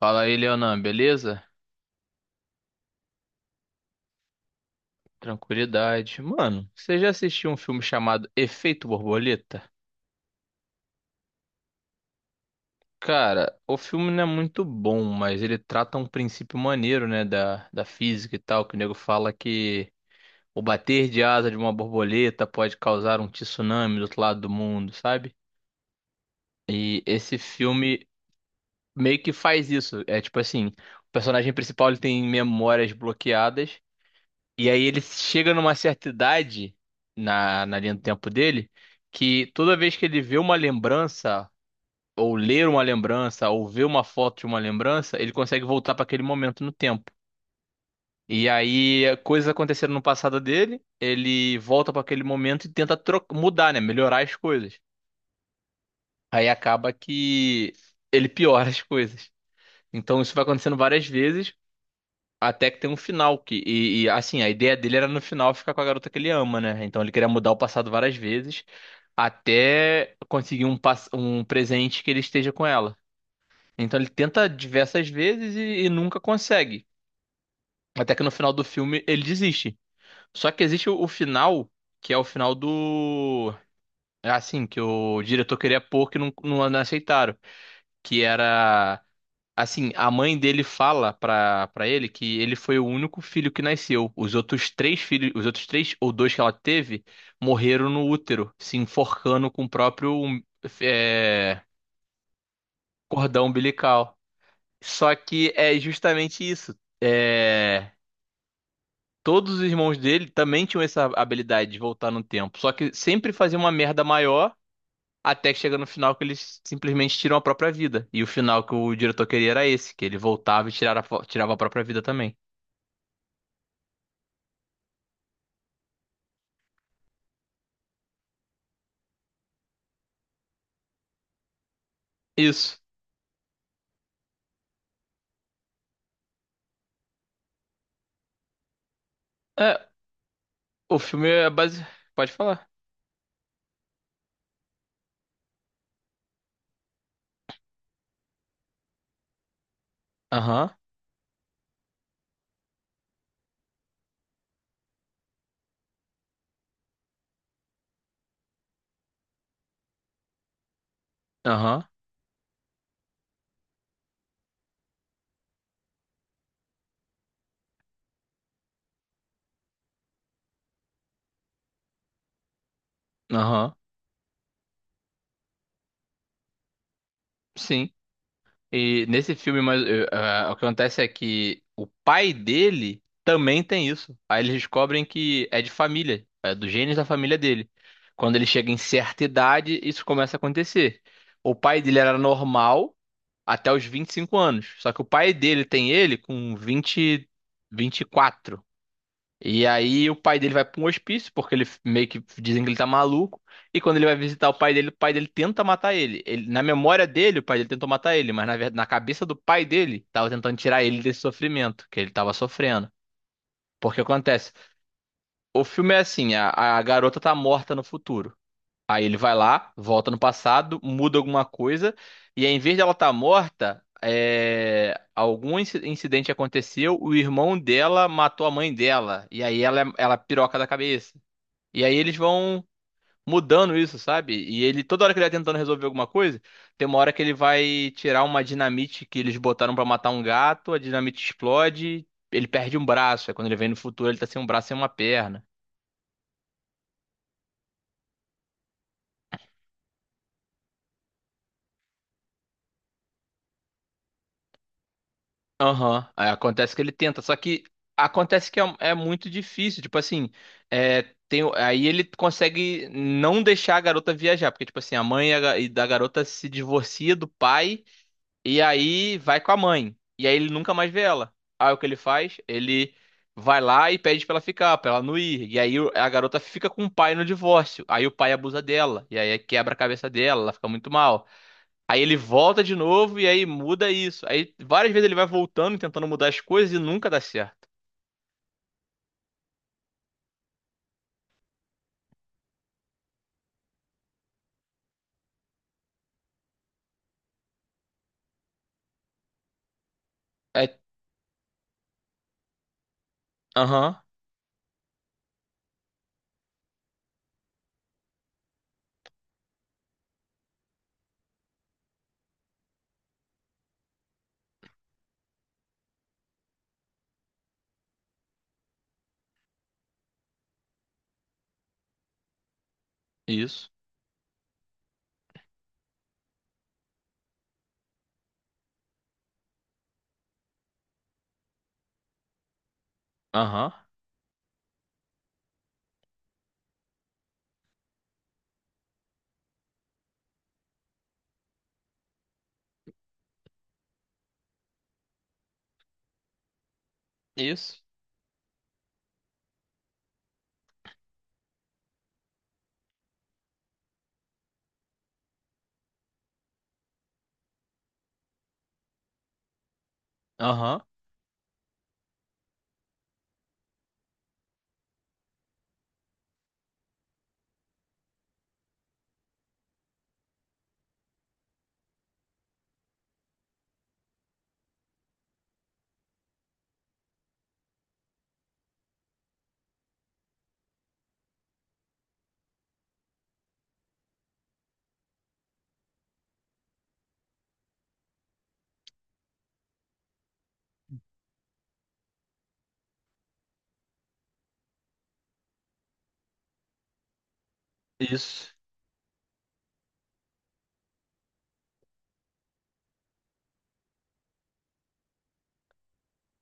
Fala aí, Leonan, beleza? Tranquilidade. Mano, você já assistiu um filme chamado Efeito Borboleta? Cara, o filme não é muito bom, mas ele trata um princípio maneiro, né, da física e tal, que o nego fala que o bater de asa de uma borboleta pode causar um tsunami do outro lado do mundo, sabe? E esse filme meio que faz isso. É tipo assim, o personagem principal ele tem memórias bloqueadas. E aí ele chega numa certa idade, na linha do tempo dele, que toda vez que ele vê uma lembrança, ou ler uma lembrança, ou vê uma foto de uma lembrança, ele consegue voltar para aquele momento no tempo. E aí coisas aconteceram no passado dele, ele volta para aquele momento e tenta mudar, né? Melhorar as coisas. Aí acaba que ele piora as coisas. Então isso vai acontecendo várias vezes. Até que tem um final que assim, a ideia dele era no final ficar com a garota que ele ama, né? Então ele queria mudar o passado várias vezes até conseguir um um presente que ele esteja com ela. Então ele tenta diversas vezes e nunca consegue. Até que no final do filme ele desiste. Só que existe o final, que é o final do, é assim, que o diretor queria pôr que não, não aceitaram, que era, assim, a mãe dele fala pra ele que ele foi o único filho que nasceu. Os outros três filhos, os outros três ou dois que ela teve, morreram no útero, se enforcando com o próprio um, é, cordão umbilical. Só que é justamente isso. É, todos os irmãos dele também tinham essa habilidade de voltar no tempo. Só que sempre fazia uma merda maior até que chega no final que eles simplesmente tiram a própria vida. E o final que o diretor queria era esse, que ele voltava e tirava, tirava a própria vida também. Isso. É, o filme é base. Pode falar. Aham, aham, aham. Sim. E nesse filme, mas, o que acontece é que o pai dele também tem isso. Aí eles descobrem que é de família, é dos genes da família dele. Quando ele chega em certa idade, isso começa a acontecer. O pai dele era normal até os 25 anos. Só que o pai dele tem ele com vinte, 24. E aí o pai dele vai pra um hospício, porque ele meio que dizem que ele tá maluco. E quando ele vai visitar o pai dele tenta matar ele. Na memória dele, o pai dele tentou matar ele, mas na verdade, na cabeça do pai dele, tava tentando tirar ele desse sofrimento que ele tava sofrendo. Porque acontece, o filme é assim, a garota tá morta no futuro. Aí ele vai lá, volta no passado, muda alguma coisa, e aí, em vez dela estar morta, algum incidente aconteceu, o irmão dela matou a mãe dela, e aí ela, ela piroca da cabeça. E aí eles vão mudando isso, sabe? E ele, toda hora que ele vai tentando resolver alguma coisa, tem uma hora que ele vai tirar uma dinamite que eles botaram pra matar um gato, a dinamite explode, ele perde um braço, aí quando ele vem no futuro ele tá sem um braço e uma perna. Aham. Aí acontece que ele tenta, só que acontece que é muito difícil, tipo assim, é, tem, aí ele consegue não deixar a garota viajar, porque tipo assim, a mãe e da garota se divorcia do pai e aí vai com a mãe, e aí ele nunca mais vê ela. Aí o que ele faz? Ele vai lá e pede pra ela ficar, pra ela não ir, e aí a garota fica com o pai no divórcio, aí o pai abusa dela, e aí quebra a cabeça dela, ela fica muito mal. Aí ele volta de novo e aí muda isso. Aí várias vezes ele vai voltando, e tentando mudar as coisas e nunca dá certo. É, aham, isso. Aham, isso. Aham, isso.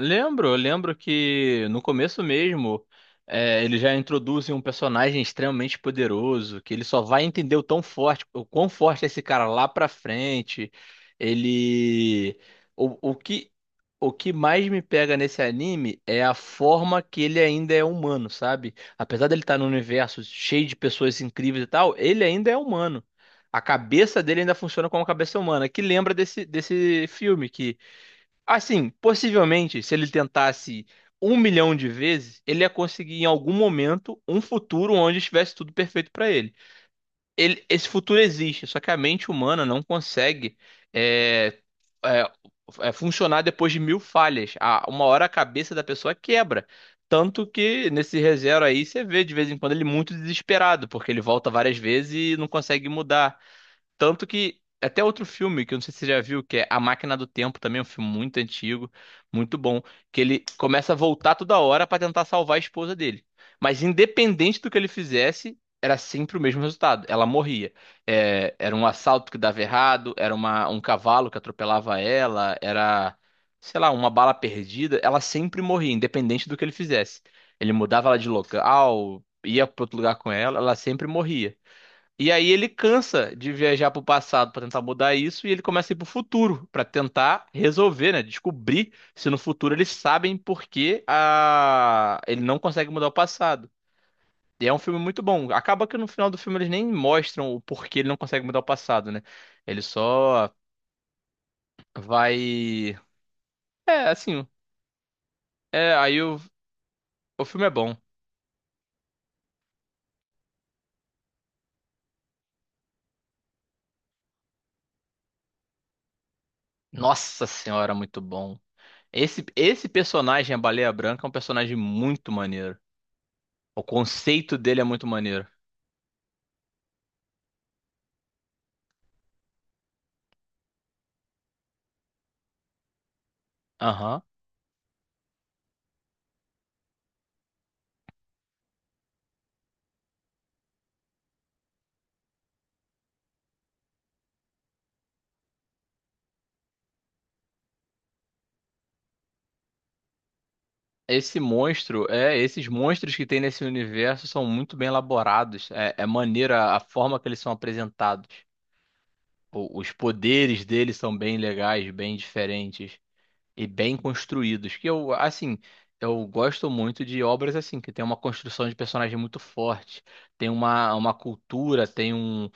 Lembro, eu lembro que no começo mesmo, eles já introduzem um personagem extremamente poderoso, que ele só vai entender o tão forte, o quão forte é esse cara lá pra frente. Ele. O, o que, o que mais me pega nesse anime é a forma que ele ainda é humano, sabe? Apesar dele estar num universo cheio de pessoas incríveis e tal, ele ainda é humano. A cabeça dele ainda funciona como uma cabeça humana, que lembra desse, desse filme que. Assim, possivelmente, se ele tentasse 1 milhão de vezes, ele ia conseguir em algum momento um futuro onde estivesse tudo perfeito para ele. Esse futuro existe, só que a mente humana não consegue é, é, funcionar depois de 1.000 falhas. Uma hora a cabeça da pessoa quebra. Tanto que nesse ReZero aí você vê de vez em quando ele muito desesperado, porque ele volta várias vezes e não consegue mudar. Tanto que até outro filme que eu não sei se você já viu, que é A Máquina do Tempo, também é um filme muito antigo, muito bom, que ele começa a voltar toda hora pra tentar salvar a esposa dele. Mas independente do que ele fizesse, era sempre o mesmo resultado. Ela morria. É, era um assalto que dava errado, era um cavalo que atropelava ela, era, sei lá, uma bala perdida. Ela sempre morria, independente do que ele fizesse. Ele mudava ela de local, ia pra outro lugar com ela, ela sempre morria. E aí ele cansa de viajar para o passado para tentar mudar isso e ele começa a ir pro futuro para tentar resolver, né? Descobrir se no futuro eles sabem por que a... ele não consegue mudar o passado. E é um filme muito bom. Acaba que no final do filme eles nem mostram o porquê ele não consegue mudar o passado, né? Ele só vai. É, assim. É, aí o filme é bom. Nossa senhora, muito bom. Esse personagem, a Baleia Branca, é um personagem muito maneiro. O conceito dele é muito maneiro. Aham. Esse monstro, esses monstros que tem nesse universo são muito bem elaborados. É, é maneira a forma que eles são apresentados. Os poderes deles são bem legais, bem diferentes e bem construídos. Que eu, assim, eu gosto muito de obras assim, que tem uma construção de personagem muito forte, tem uma cultura, tem um. O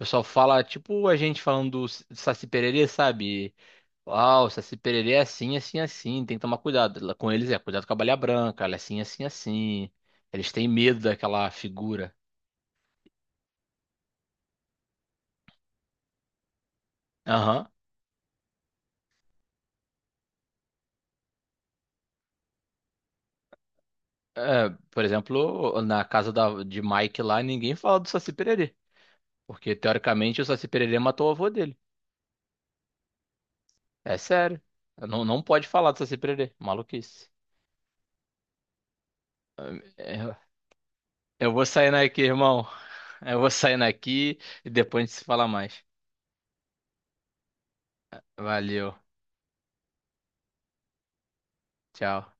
pessoal fala, tipo a gente falando do Saci Pererê, sabe? Uau, Saci Pererê é assim, assim, assim. Tem que tomar cuidado. Lá com eles é, cuidado com a Baleia Branca, ela é assim, assim, assim. Eles têm medo daquela figura. Aham. Por exemplo, na casa de Mike lá, ninguém fala do Saci Pererê. Porque, teoricamente, o Saci Pererê matou o avô dele. É sério. Não, não pode falar do Saci Pererê. Maluquice. É, eu vou sair daqui, irmão. Eu vou sair daqui e depois a gente se fala mais. Valeu. Tchau.